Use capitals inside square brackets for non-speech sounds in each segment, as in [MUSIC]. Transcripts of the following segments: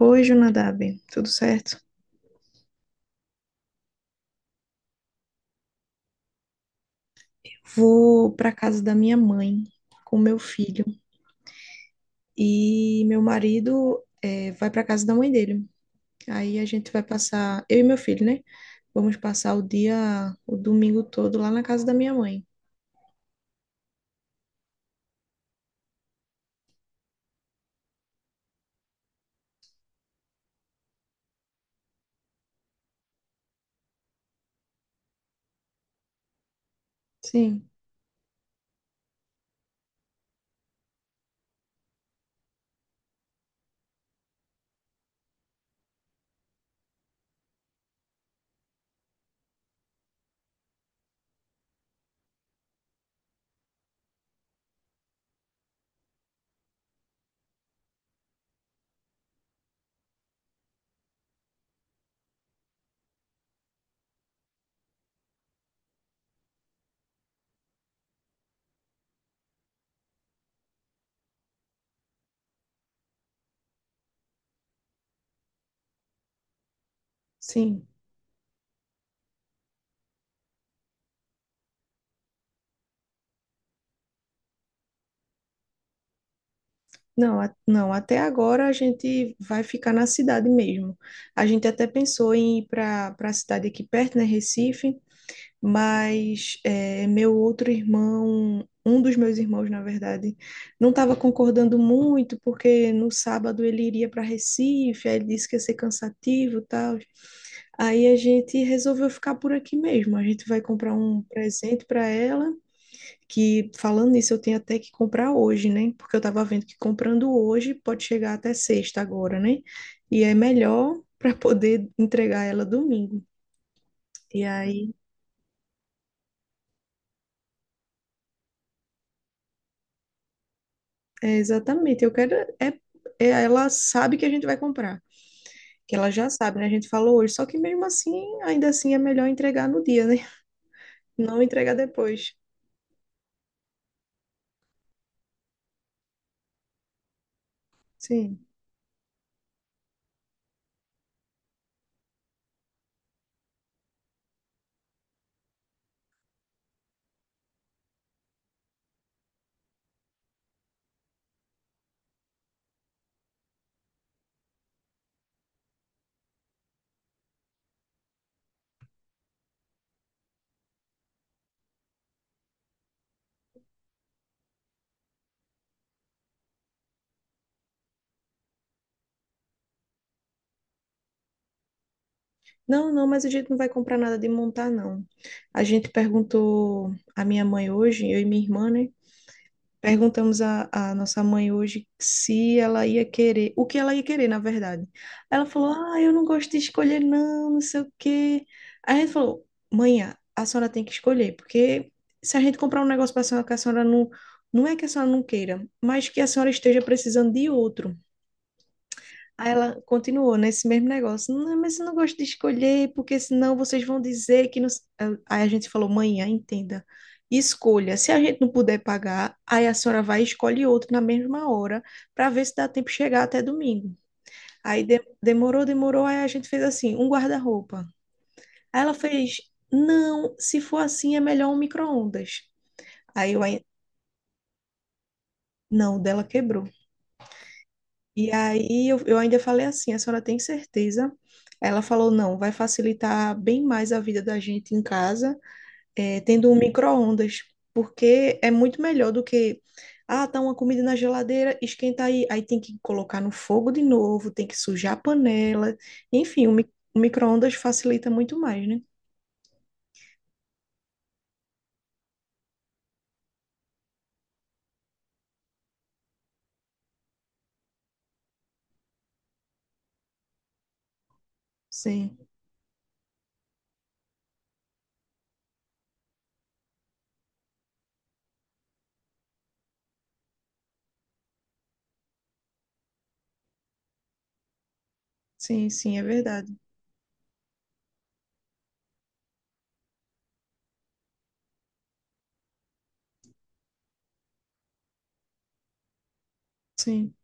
Oi, Jonadab, tudo certo? Vou para casa da minha mãe com meu filho e meu marido vai para casa da mãe dele. Aí a gente vai passar, eu e meu filho, né? Vamos passar o dia, o domingo todo lá na casa da minha mãe. Sim, sim. Não, não, até agora a gente vai ficar na cidade mesmo. A gente até pensou em ir para a cidade aqui perto, né, Recife, mas é, meu outro irmão, um dos meus irmãos, na verdade, não estava concordando muito, porque no sábado ele iria para Recife, aí ele disse que ia ser cansativo e tal. Aí a gente resolveu ficar por aqui mesmo. A gente vai comprar um presente para ela, que falando nisso, eu tenho até que comprar hoje, né? Porque eu estava vendo que comprando hoje pode chegar até sexta agora, né? E é melhor para poder entregar ela domingo. E aí é, exatamente. Eu quero. É, ela sabe que a gente vai comprar. Que ela já sabe, né? A gente falou hoje. Só que mesmo assim, ainda assim é melhor entregar no dia, né? [LAUGHS] Não entregar depois. Sim. Não, não, mas a gente não vai comprar nada de montar, não. A gente perguntou à minha mãe hoje, eu e minha irmã, né? Perguntamos à nossa mãe hoje se ela ia querer, o que ela ia querer, na verdade. Ela falou: "Ah, eu não gosto de escolher, não, não sei o quê." Aí a gente falou: "Mãe, a senhora tem que escolher, porque se a gente comprar um negócio para a senhora que a senhora não. Não é que a senhora não queira, mas que a senhora esteja precisando de outro." Aí ela continuou nesse mesmo negócio. "Não, mas eu não gosto de escolher, porque senão vocês vão dizer que não. s-" Aí a gente falou, mãe, ah, entenda. Escolha. Se a gente não puder pagar, aí a senhora vai e escolhe outro na mesma hora, para ver se dá tempo de chegar até domingo. Aí demorou, demorou, aí a gente fez assim, um guarda-roupa. Aí ela fez, não, se for assim é melhor um micro-ondas. Aí eu, ai- não, o dela quebrou. E aí eu ainda falei assim, a senhora tem certeza? Ela falou, não, vai facilitar bem mais a vida da gente em casa, tendo um micro-ondas, porque é muito melhor do que, ah, tá uma comida na geladeira, esquenta aí, aí tem que colocar no fogo de novo, tem que sujar a panela, enfim, o micro-ondas facilita muito mais, né? Sim, sim, sim, é verdade. Sim,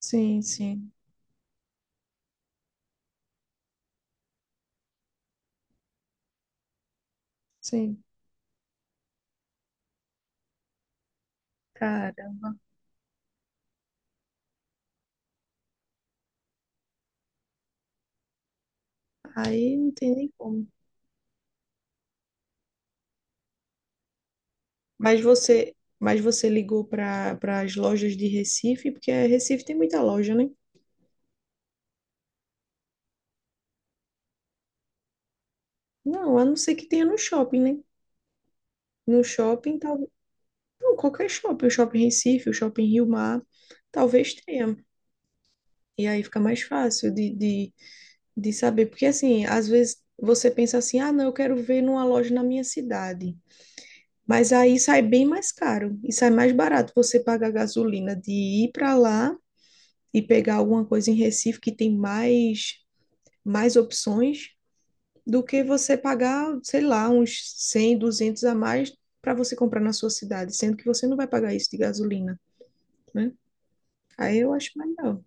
sim, sim, sim. Cara, aí não tem nem como. Mas você ligou para as lojas de Recife, porque eh, Recife tem muita loja, né? Não, a não ser que tenha no shopping, né? No shopping, talvez. Não, qualquer shopping, o shopping Recife, o shopping Rio Mar, talvez tenha. E aí fica mais fácil de saber. Porque assim, às vezes você pensa assim, ah, não, eu quero ver numa loja na minha cidade. Mas aí sai bem mais caro e sai mais barato você pagar gasolina de ir para lá e pegar alguma coisa em Recife que tem mais opções do que você pagar, sei lá, uns 100, 200 a mais para você comprar na sua cidade, sendo que você não vai pagar isso de gasolina, né? Aí eu acho melhor.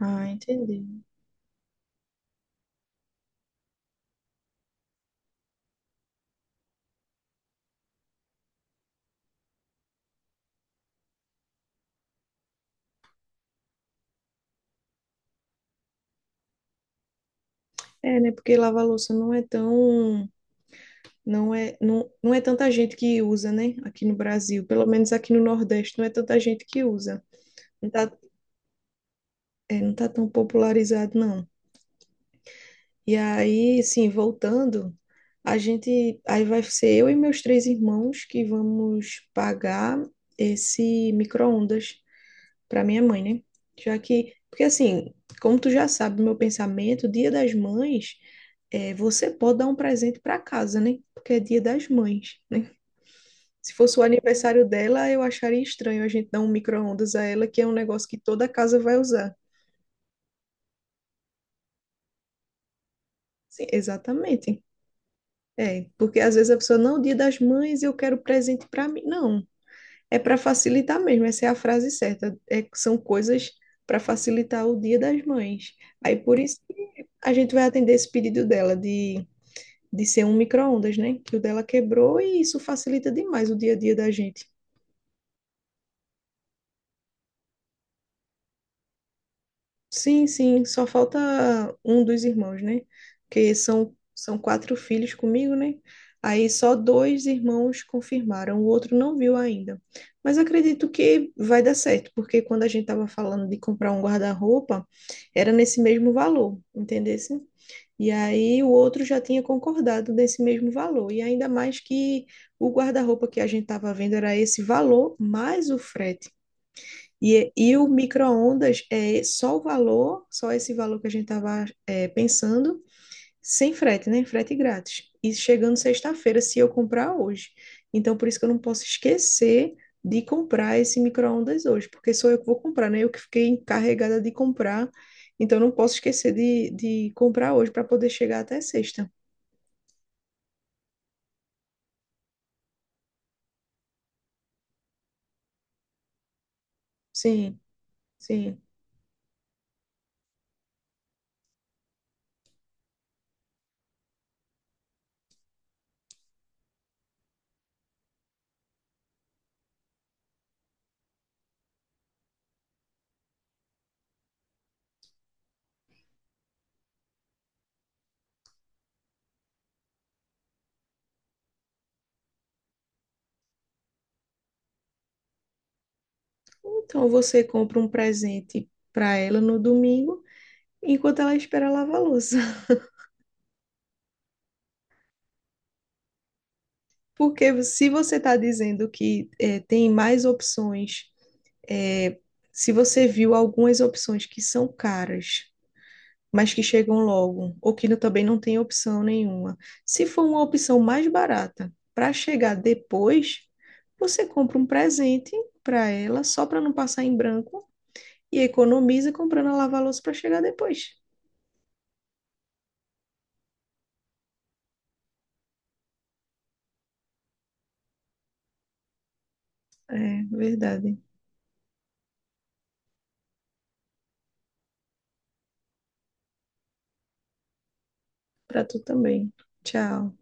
Ah, entendi. É, né? Porque lavar louça não é tão, não é tanta gente que usa, né? Aqui no Brasil, pelo menos aqui no Nordeste, não é tanta gente que usa. Não tá, é, não tá tão popularizado, não. E aí, assim, voltando, a gente, aí vai ser eu e meus 3 irmãos que vamos pagar esse micro-ondas para minha mãe, né? Já que, porque assim, como tu já sabe, meu pensamento, Dia das Mães, é, você pode dar um presente para casa, né? Porque é Dia das Mães, né? Se fosse o aniversário dela, eu acharia estranho a gente dar um micro-ondas a ela, que é um negócio que toda casa vai usar. Sim, exatamente. É, porque às vezes a pessoa, não, Dia das Mães, eu quero presente para mim. Não, é para facilitar mesmo, essa é a frase certa. É, são coisas para facilitar o Dia das Mães. Aí por isso que a gente vai atender esse pedido dela de ser um micro-ondas, né? Que o dela quebrou e isso facilita demais o dia a dia da gente. Sim, sim, só falta um dos irmãos, né? Porque são 4 filhos comigo, né? Aí só 2 irmãos confirmaram, o outro não viu ainda. Mas acredito que vai dar certo, porque quando a gente estava falando de comprar um guarda-roupa, era nesse mesmo valor, entendesse? E aí o outro já tinha concordado nesse mesmo valor. E ainda mais que o guarda-roupa que a gente estava vendo era esse valor mais o frete. E o micro-ondas é só o valor, só esse valor que a gente estava pensando, sem frete, né? Frete grátis. E chegando sexta-feira, se eu comprar hoje. Então, por isso que eu não posso esquecer de comprar esse micro-ondas hoje, porque sou eu que vou comprar, né? Eu que fiquei encarregada de comprar. Então, eu não posso esquecer de comprar hoje para poder chegar até sexta. Sim, sim. Então, você compra um presente para ela no domingo, enquanto ela espera lavar a louça. Porque se você está dizendo que é, tem mais opções, é, se você viu algumas opções que são caras, mas que chegam logo, ou que também não tem opção nenhuma, se for uma opção mais barata para chegar depois, você compra um presente para ela, só para não passar em branco, e economiza comprando a lava-louça para chegar depois. É verdade. Para tu também. Tchau.